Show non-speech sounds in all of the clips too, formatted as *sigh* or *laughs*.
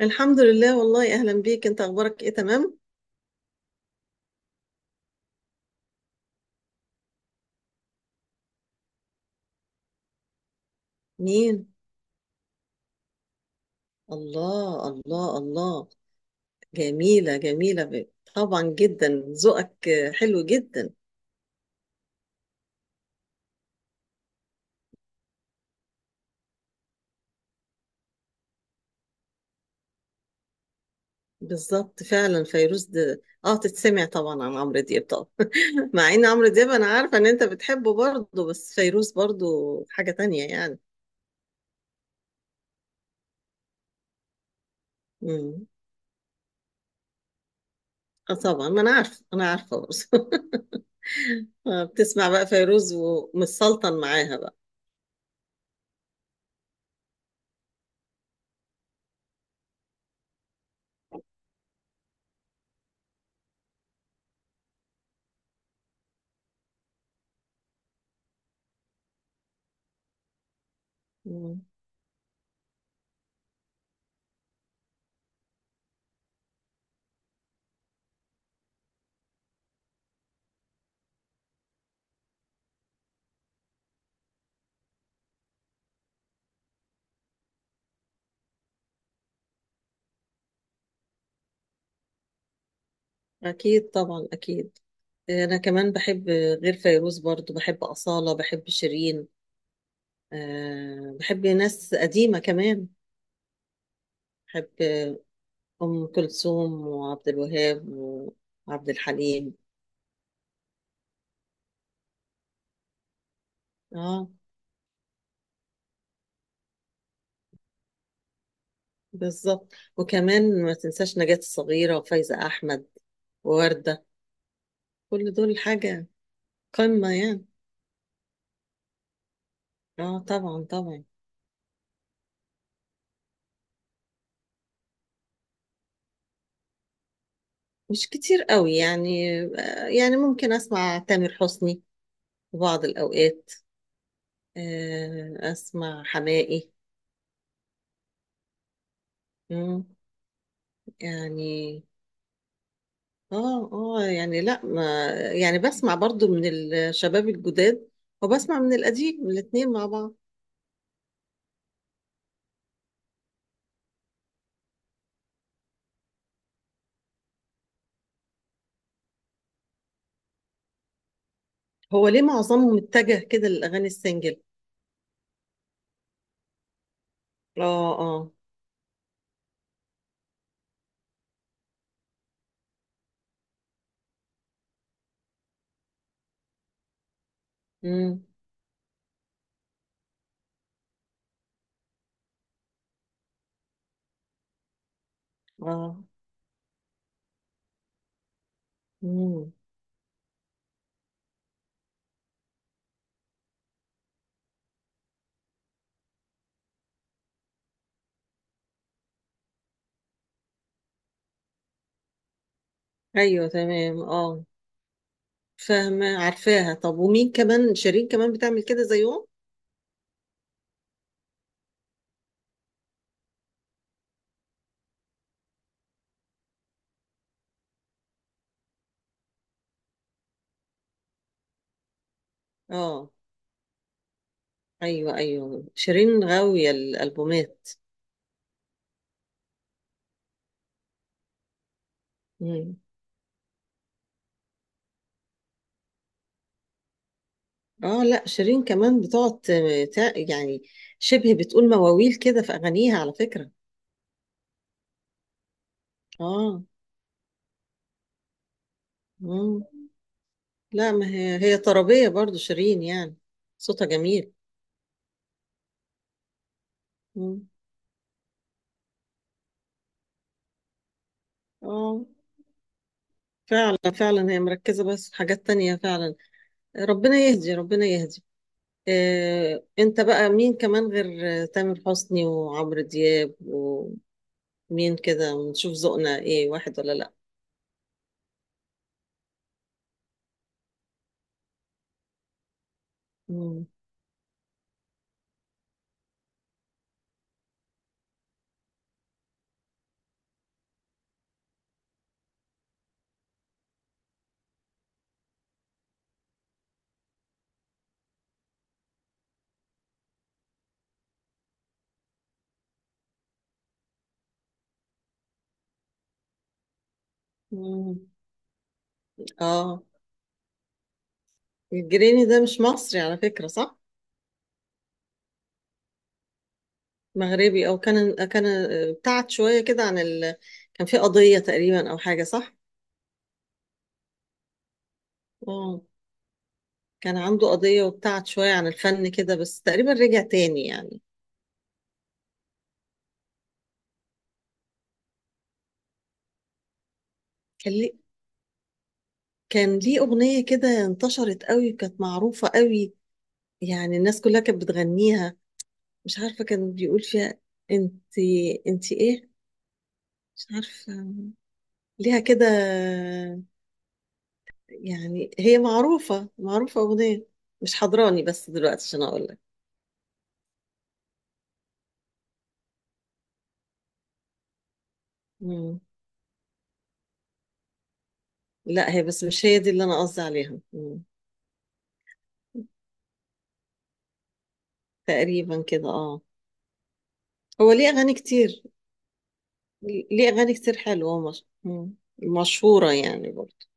الحمد لله، والله أهلا بيك. أنت أخبارك إيه؟ تمام؟ مين؟ الله الله الله. جميلة جميلة طبعا جدا. ذوقك حلو جدا. بالظبط فعلا، فيروز ده اه تتسمع طبعا عن عمرو دياب طبعا. *laughs* مع ان عمرو دياب انا عارفة ان انت بتحبه برضه، بس فيروز برضه حاجة تانية يعني. امم اه طبعا، ما انا عارفة، انا عارفة برضه. *laughs* بتسمع بقى فيروز ومتسلطن معاها بقى. أكيد طبعا، أكيد. أنا كمان بحب، غير فيروز برضو بحب أصالة، بحب شيرين. أه بحب ناس قديمة كمان. بحب أم كلثوم وعبد الوهاب وعبد الحليم. اه بالظبط، وكمان ما تنساش نجاة الصغيرة وفايزة أحمد ووردة. كل دول حاجة قمة يعني. اه طبعا طبعا. مش كتير قوي يعني، يعني ممكن أسمع تامر حسني في بعض الأوقات. اسمع حماقي. مم، يعني اه يعني لا، ما يعني بسمع برضو من الشباب الجداد وبسمع من القديم الاتنين مع بعض. هو ليه معظمهم اتجه كده للاغاني السنجل؟ اه اه. امم اه. امم. ايوه تمام اه، فاهمه عارفاها. طب ومين كمان؟ شيرين كمان بتعمل كده زيهم؟ اه ايوه ايوه، شيرين غاويه الالبومات. مم. اه لا، شيرين كمان بتقعد يعني شبه بتقول مواويل كده في اغانيها على فكرة. اه. مم. لا، ما هي هي طربية برضو شيرين يعني، صوتها جميل. مم. اه فعلا فعلا، هي مركزة بس في حاجات تانية فعلا. ربنا يهدي ربنا يهدي. آه انت بقى مين كمان غير تامر حسني وعمرو دياب ومين؟ كده نشوف ذوقنا ايه، واحد ولا لا. مم. مم. اه. الجريني ده مش مصري على فكرة، صح؟ مغربي، او كان كان ابتعد شويه كده عن كان في قضيه تقريبا او حاجه، صح. اه، كان عنده قضيه وابتعد شويه عن الفن كده، بس تقريبا رجع تاني يعني. كان ليه، كان ليه اغنيه كده انتشرت قوي، كانت معروفه قوي يعني. الناس كلها كانت بتغنيها. مش عارفه كان بيقول فيها انت، انت ايه، مش عارفه ليها كده يعني. هي معروفه معروفه اغنيه، مش حضراني بس دلوقتي عشان اقول لك. لا، هي بس مش هي دي اللي انا قصدي عليها. مم. تقريبا كده اه. هو ليه اغاني كتير، ليه اغاني كتير حلوه مشهوره يعني برضه.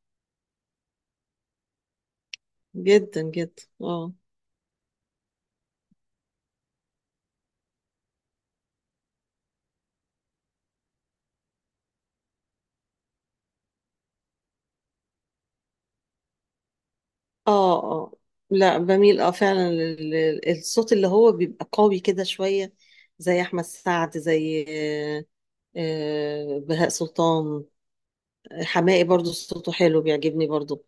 جدا جدا اه. اه لا بميل اه فعلا الصوت اللي هو بيبقى قوي كده شويه، زي احمد سعد، زي بهاء سلطان. حماقي برضه صوته حلو بيعجبني برضه.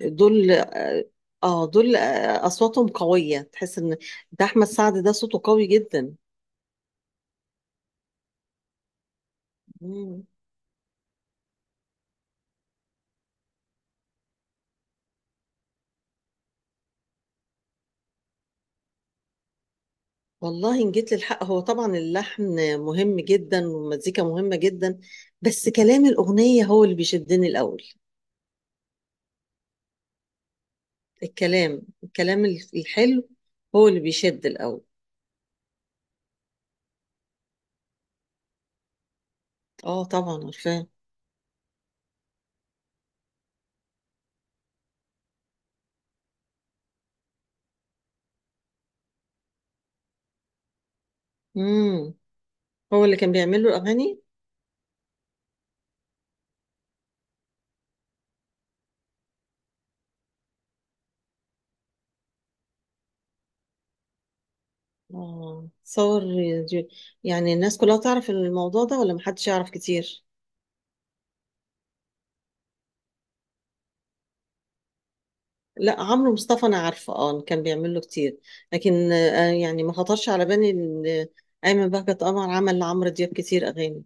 دول اه. دول اصواتهم قويه، تحس ان ده احمد سعد، ده صوته قوي جدا. مم. والله ان جيت للحق هو طبعا اللحن مهم جدا، والمزيكا مهمة جدا، بس كلام الأغنية هو اللي بيشدني الأول. الكلام، الكلام الحلو هو اللي بيشد الأول. اه طبعا عارفاه. امم. هو اللي كان بيعمل له الأغاني. اه. صور دي- يعني الناس كلها تعرف الموضوع ده ولا محدش يعرف كتير؟ لا، عمرو مصطفى انا عارفه، اه كان بيعمل له كتير. لكن آه يعني ما خطرش على بالي ان ايمن بهجت قمر عمل لعمرو دياب كتير اغاني.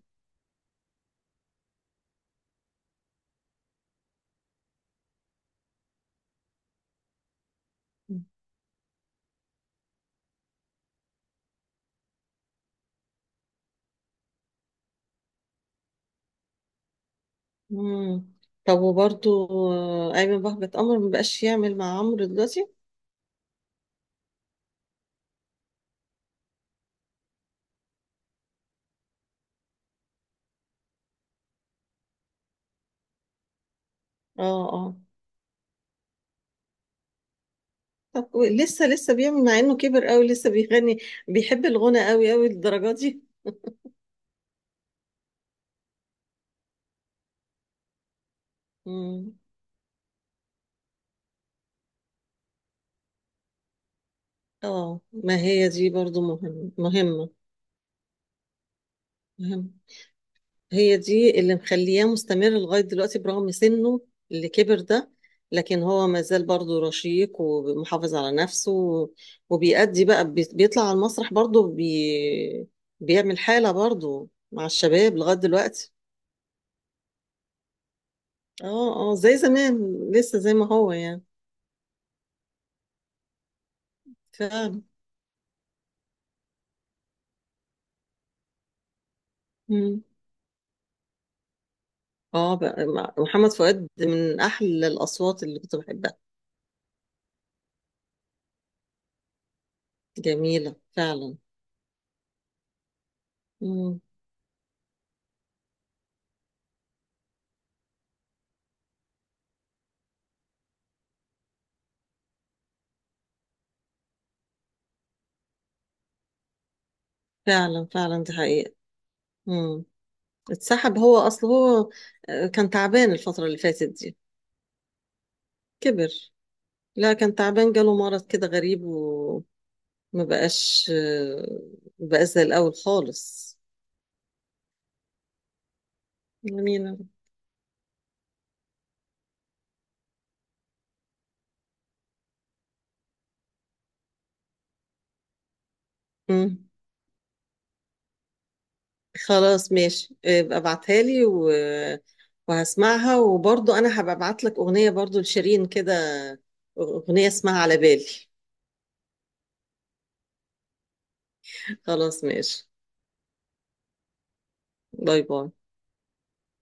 مم. طب وبرضو أيمن بهجت قمر مبقاش يعمل مع عمرو دلوقتي؟ اه اه. طب لسه لسه بيعمل؟ مع انه كبر قوي لسه بيغني، بيحب الغنى قوي قوي للدرجة دي. مم. اه ما هي دي برضو مهمة، مهمة، مهمة. هي دي اللي مخلياه مستمر لغاية دلوقتي برغم سنه اللي كبر ده، لكن هو ما زال برضه رشيق ومحافظ على نفسه، بيطلع على المسرح برضه بيعمل حالة برضه مع الشباب لغاية دلوقتي. اه اه زي زمان، لسه زي ما هو يعني. فعلا. مم. اه بقى محمد فؤاد من أحلى الأصوات اللي كنت بحبها. جميلة فعلا. مم. فعلا فعلا، دي حقيقة. مم. اتسحب. هو اصل هو كان تعبان الفترة اللي فاتت دي. كبر. لا كان تعبان، جاله مرض كده غريب وما بقاش ما بقاش زي الاول خالص. امين يا رب. مم. خلاص ماشي، ابقى ابعتها لي وهسمعها، وبرضو انا هبقى ابعت لك اغنية برضو لشيرين كده، اغنية اسمها على بالي. خلاص ماشي. باي باي.